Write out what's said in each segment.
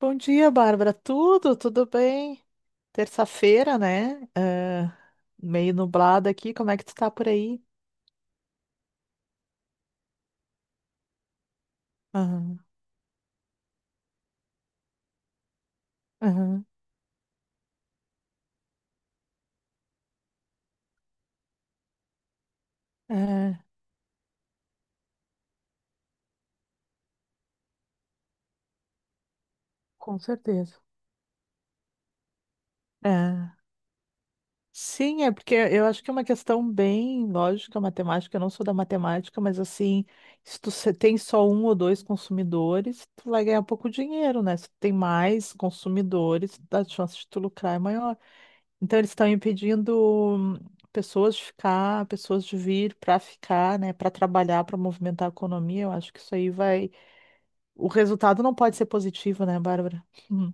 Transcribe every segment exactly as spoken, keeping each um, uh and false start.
Bom dia, Bárbara. Tudo, tudo bem? Terça-feira, né? Ah, meio nublado aqui. Como é que tu tá por aí? Aham, aham, é, com certeza. É. Sim, é porque eu acho que é uma questão bem lógica, matemática. Eu não sou da matemática, mas assim, se tu se- tem só um ou dois consumidores, tu vai ganhar pouco dinheiro, né? Se tu tem mais consumidores, a chance de tu lucrar é maior. Então eles estão impedindo hum, pessoas de ficar, pessoas de vir para ficar, né, para trabalhar, para movimentar a economia. Eu acho que isso aí vai. O resultado não pode ser positivo, né, Bárbara? Hum.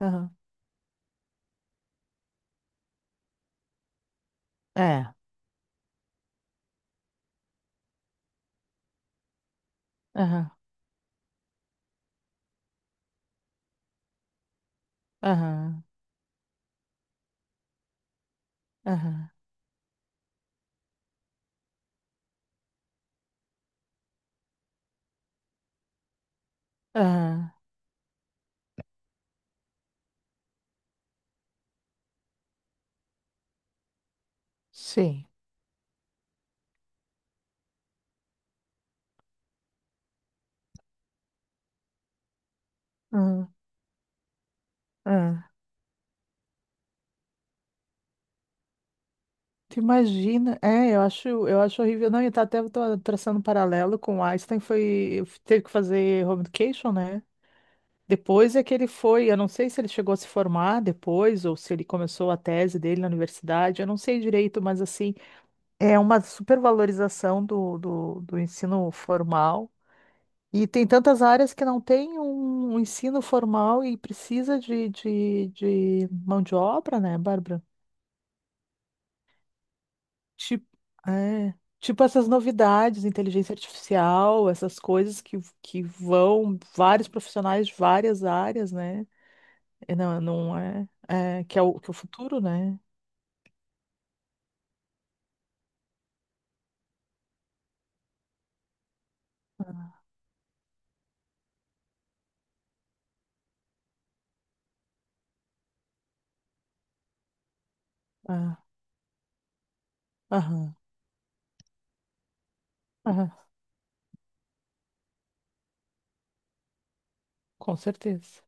Aham. É. Aham. Aham. Aham. Aham. Sim. Aham. Aham. Tu imagina? É, eu acho, eu acho horrível. Não, e tá até tô traçando um paralelo com o Einstein foi teve que fazer home education, né? Depois é que ele foi, eu não sei se ele chegou a se formar depois ou se ele começou a tese dele na universidade, eu não sei direito, mas assim, é uma supervalorização do, do, do ensino formal. E tem tantas áreas que não tem um, um ensino formal e precisa de, de, de mão de obra, né, Bárbara? Tipo, é, tipo essas novidades, inteligência artificial, essas coisas que, que vão vários profissionais de várias áreas, né? É, Não, é, não é, é que é o, que é o futuro, né? Ah, aham, aham, com certeza.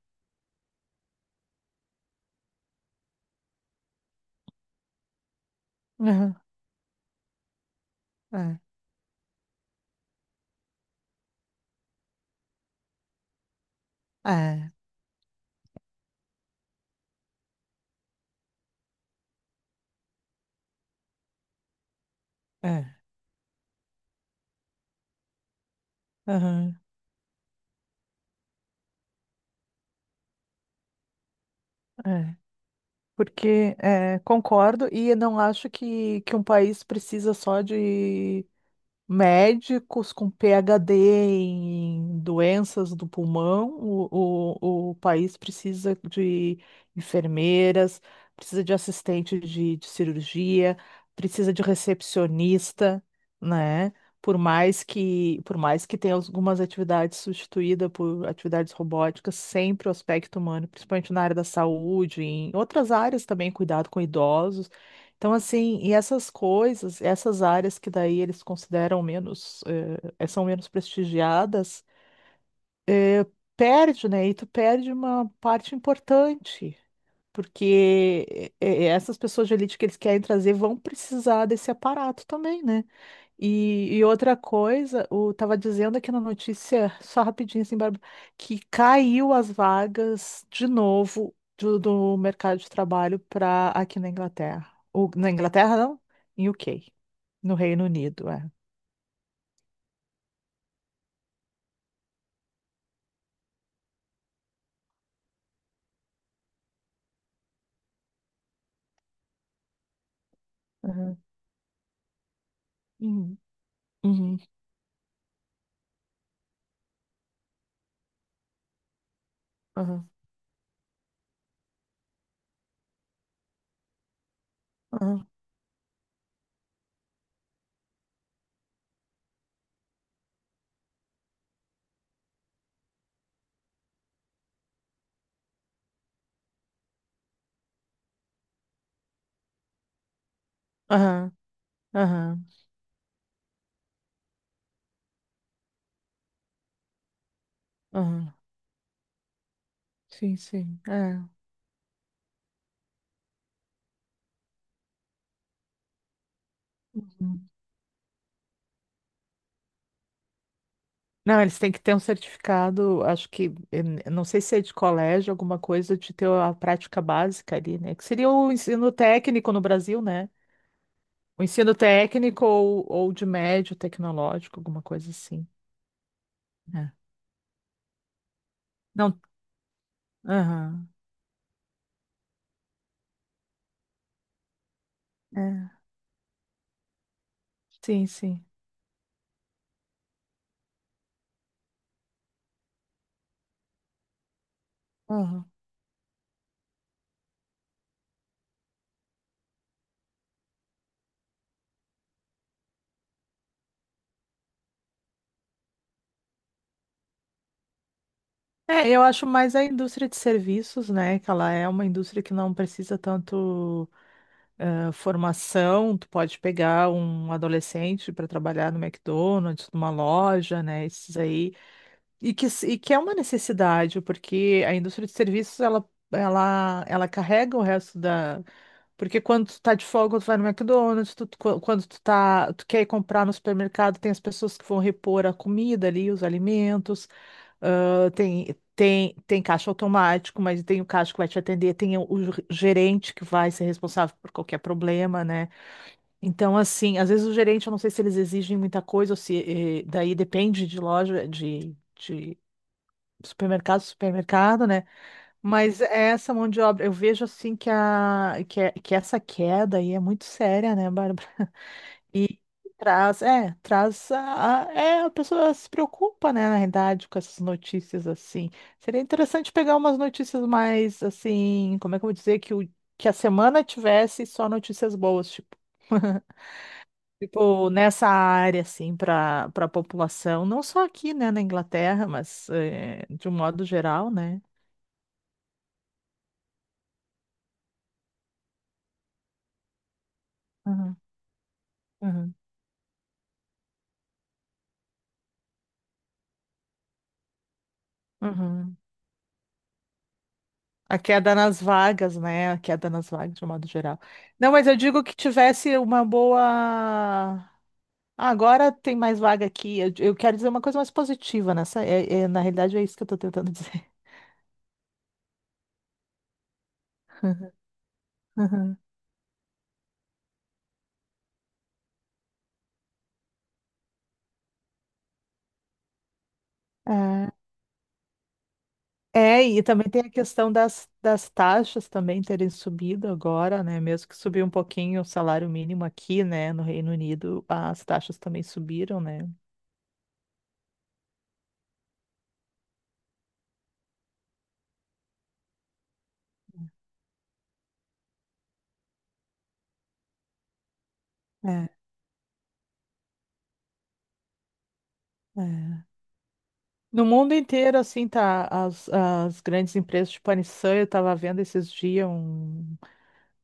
Aham, é, é, é, aham, é. Porque é, concordo e eu não acho que, que um país precisa só de médicos com PhD em doenças do pulmão, o, o, o país precisa de enfermeiras, precisa de assistente de, de cirurgia, precisa de recepcionista, né? Por mais que, por mais que tenha algumas atividades substituídas por atividades robóticas, sempre o aspecto humano, principalmente na área da saúde, em outras áreas também, cuidado com idosos. Então, assim, e essas coisas, essas áreas que daí eles consideram menos, eh, eh, são menos prestigiadas, perde, né? E tu perde uma parte importante. Porque é, é, essas pessoas de elite que eles querem trazer vão precisar desse aparato também, né? E, e outra coisa, o tava dizendo aqui na notícia, só rapidinho assim, Bárbara, que caiu as vagas de novo do, do mercado de trabalho para aqui na Inglaterra. Ou, na Inglaterra, não? Em U K, no Reino Unido, é. Aham. Uhum. Uhum. Aham. Aham. Aham. Aham. Aham. Sim, sim. É. Uhum. Não, eles têm que ter um certificado, acho que, eh, não sei se é de colégio, alguma coisa, de ter a prática básica ali, né? Que seria o ensino técnico no Brasil, né? O ensino técnico ou, ou de médio tecnológico, alguma coisa assim, né? Não, aham, é, sim, sim, aham. É, eu acho mais a indústria de serviços, né? Que ela é uma indústria que não precisa tanto eh, formação. Tu pode pegar um adolescente para trabalhar no McDonald's, numa loja, né? Esses aí e que, se- e que é uma necessidade, porque a indústria de serviços, ela, ela, ela carrega o resto da… Porque quando tu tá de folga, tu vai no McDonald's, tu, tu- quan- quando tu tá, tu quer ir comprar no supermercado, tem as pessoas que vão repor a comida ali, os alimentos, ah, tem, tem, tem caixa automático, mas tem o caixa que vai te atender, tem o, o gerente que vai ser responsável por qualquer problema, né? Então, assim, às vezes o gerente, eu não sei se eles exigem muita coisa, ou se eh, daí depende de loja, de, de supermercado, supermercado, né? Mas essa mão de obra, eu vejo assim que, a, que, é- que essa queda aí é muito séria, né, Bárbara? E traz, é, traz a, a- é, a pessoa se preocupa, né, na realidade, com essas notícias assim. Seria interessante pegar umas notícias mais assim, como é que eu vou dizer, que, o, que a semana tivesse só notícias boas, tipo. Tipo, nessa área, assim, para para a população, não só aqui, né, na Inglaterra, mas eh, de um modo geral, né? Uhum, uhum, uhum. A queda nas vagas, né? A queda nas vagas, de um modo geral. Não, mas eu digo que tivesse uma boa. Ah, agora tem mais vaga aqui. Eu, eu quero dizer uma coisa mais positiva nessa. É, é- na realidade, é isso que eu estou tentando dizer. Uhum. É, é, e também tem a questão das, das taxas também terem subido agora, né? Mesmo que subiu um pouquinho o salário mínimo aqui, né? No Reino Unido, as taxas também subiram, né? É, é. No mundo inteiro, assim, tá as, as grandes empresas, de a eu tava vendo esses dias um-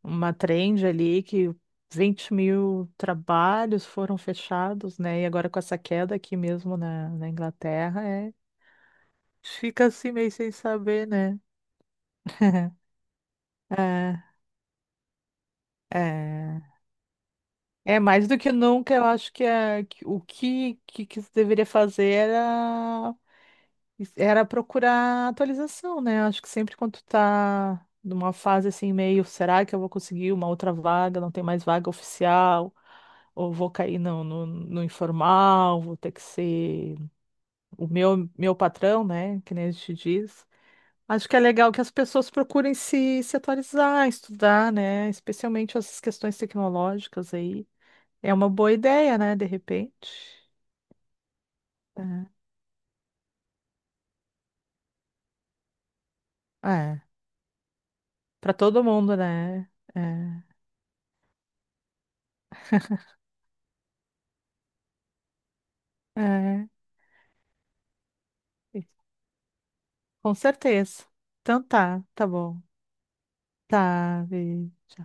uma trend ali que vinte mil trabalhos foram fechados, né? E agora com essa queda aqui mesmo na, na Inglaterra, é, fica assim meio sem saber, né? É, é, é mais do que nunca, eu acho que, é, que o que, que, que se deveria fazer era era procurar atualização, né? Acho que sempre quando tu tá numa fase assim, meio, será que eu vou conseguir uma outra vaga? Não tem mais vaga oficial, ou vou cair no, no, no informal, vou ter que ser o meu, meu patrão, né? Que nem a gente diz. Acho que é legal que as pessoas procurem se, se atualizar, estudar, né? Especialmente essas questões tecnológicas aí. É uma boa ideia, né? De repente. É, é. Para todo mundo, né? É, é. Com certeza. Então tá, tá bom. Tá, beijo.